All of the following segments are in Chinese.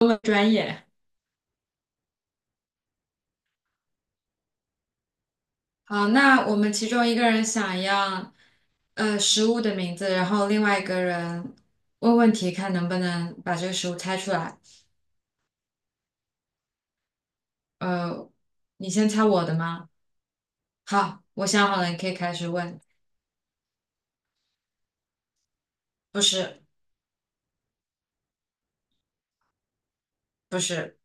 中文专业。好，那我们其中一个人想要食物的名字，然后另外一个人问问题，看能不能把这个食物猜出来。呃，你先猜我的吗？好，我想好了，你可以开始问。不是，不是，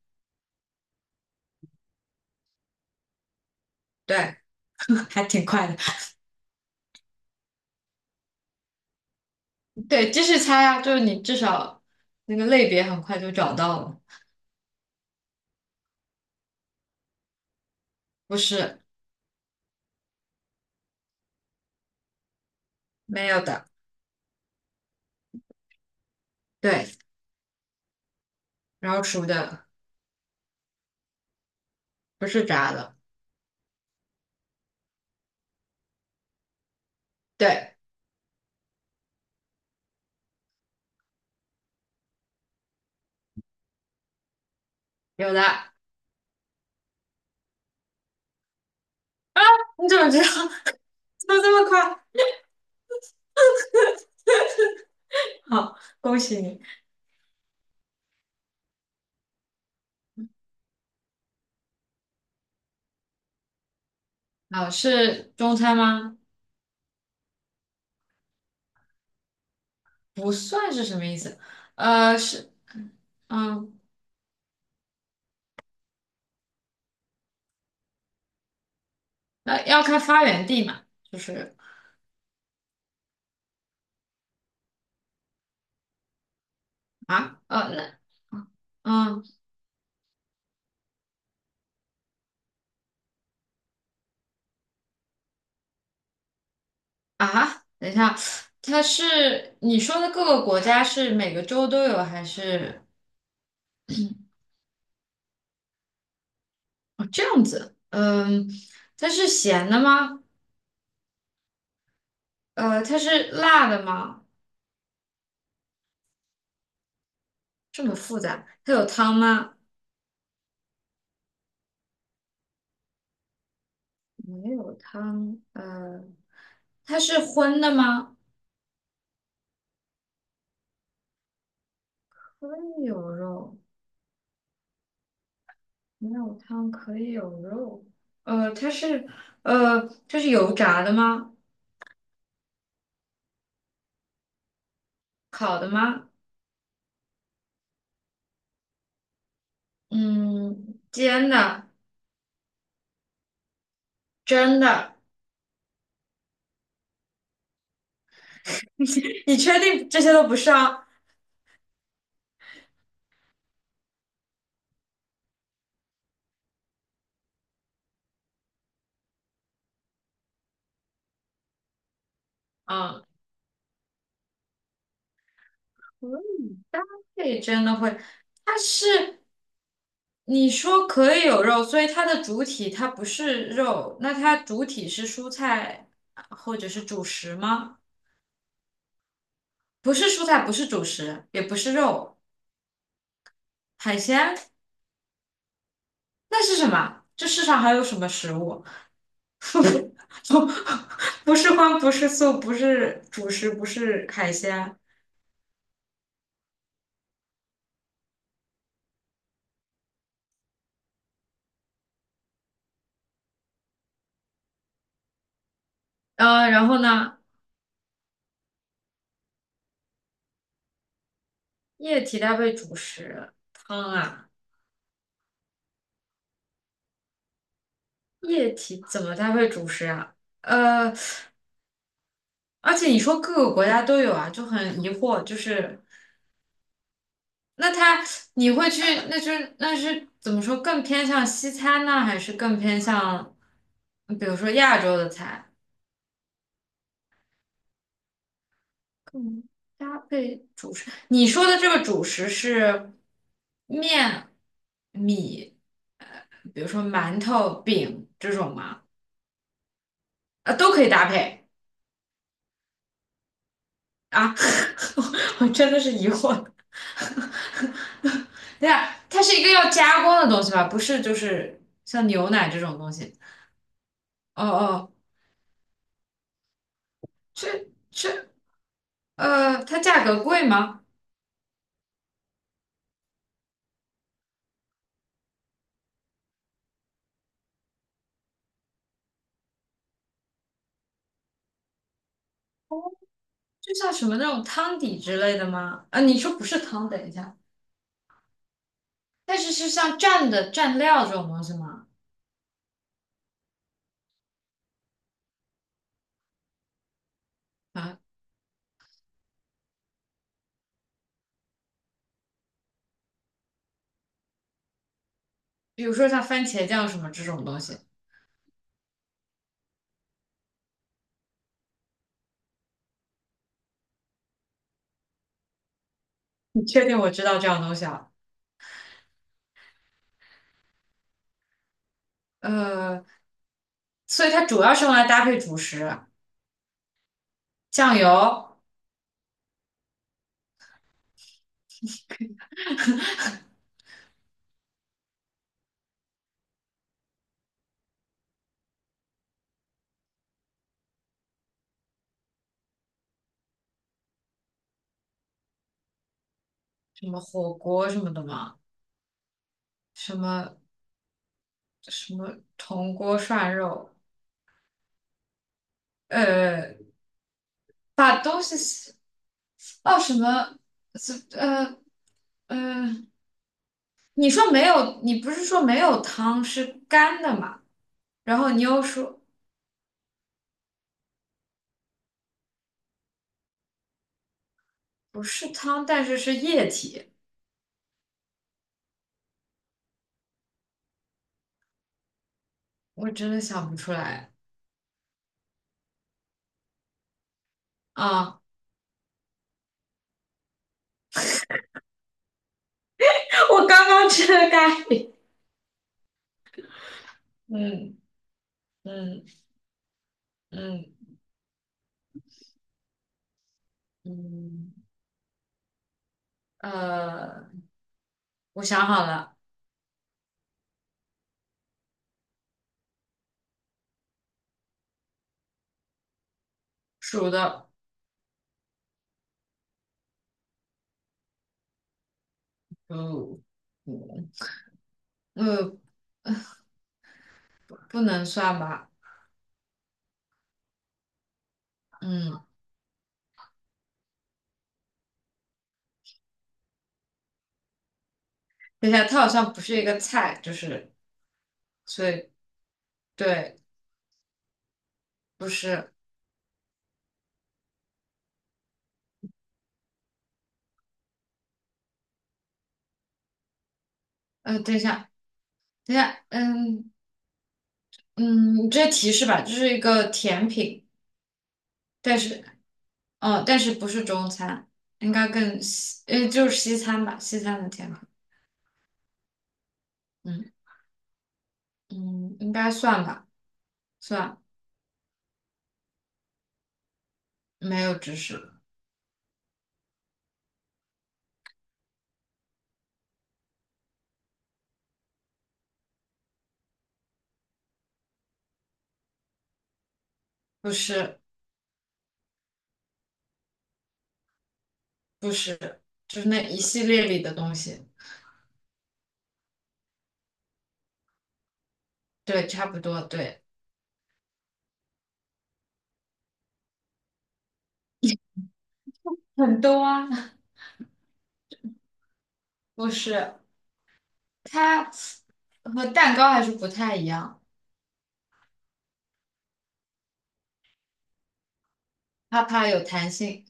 对，还挺快的。对，继续猜啊，就是你至少那个类别很快就找到了。不是，没有的。对，然后熟的，不是炸的。对，有的。你怎么知道？怎么这么快？好，恭喜你。好，是中餐吗？不算是什么意思？是，嗯，那要看发源地嘛，就是啊，嗯，啊，等一下，它是你说的各个国家是每个州都有还是哦这样子？嗯，它是咸的吗？它是辣的吗？这么复杂，它有汤吗？没有汤，它是荤的吗？荤有肉。没有汤可以有肉，呃，它是它是油炸的吗？烤的吗？嗯，煎的、蒸的，你确定这些都不是啊？嗯，可以。这里真的会，它是你说可以有肉，所以它的主体它不是肉，那它主体是蔬菜啊或者是主食吗？不是蔬菜，不是主食，也不是肉，海鲜，那是什么？这世上还有什么食物？不是荤，不是素，不是主食，不是海鲜。然后呢，液体搭配主食，汤啊，液体怎么搭配主食啊？呃，而且你说各个国家都有啊，就很疑惑，就是那它你会去，那就是那是怎么说，更偏向西餐呢，还是更偏向，比如说亚洲的菜？更搭配你说的这个主食是面、米，呃，比如说馒头、饼这种吗？啊，都可以搭配啊！我真的是疑惑。对呀，它是一个要加工的东西吧？不是，就是像牛奶这种东西。哦哦，这它价格贵吗？就像什么那种汤底之类的吗？啊，你说不是汤，等一下，但是是像蘸的蘸料这种东西吗？啊，比如说像番茄酱什么这种东西。你确定我知道这样东西啊？呃，所以它主要是用来搭配主食，酱油、什么火锅什么的嘛，什么铜锅涮肉，呃，把东西洗哦什么，呃呃，你说没有，你不是说没有汤是干的嘛？然后你又说不是汤，但是是液体，我真的想不出来啊！我刚刚吃的咖喱，嗯嗯嗯。嗯，呃，我想好了，属的，嗯嗯呃，不能算吧？嗯，等一下，它好像不是一个菜，就是，所以对，不是。等一下，等一下，嗯嗯，你接提示吧，这是一个甜品，但是，哦，但是不是中餐，应该更西，就是西餐吧，西餐的甜品。嗯嗯，应该算吧，算，没有知识，不是。不是，就是那一系列里的东西，对，差不多，对，很多啊，不是，它和蛋糕还是不太一样，它怕有弹性，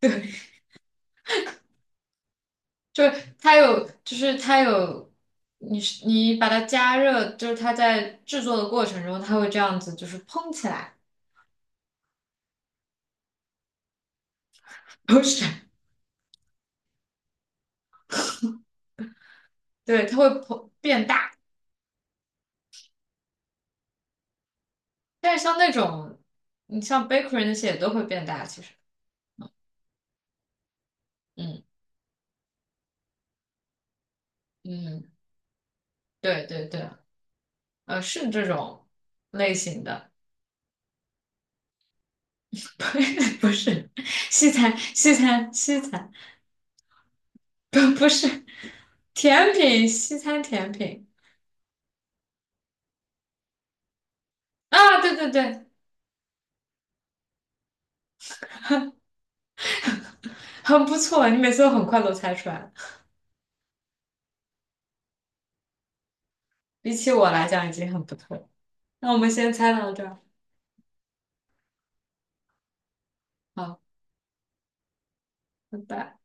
对，就是它有，你是你把它加热，就是它在制作的过程中，它会这样子，就是蓬起来，不是，对，它会膨变大，但是像那种，你像 bakery 那些也都会变大，其实，嗯嗯，对对对。是这种类型的，不是不是西餐，西餐，西餐，不不是甜品，西餐甜品啊，对对对，很不错，你每次都很快都猜出来了，比起我来讲已经很不错了。那我们先猜到这儿，好，拜拜。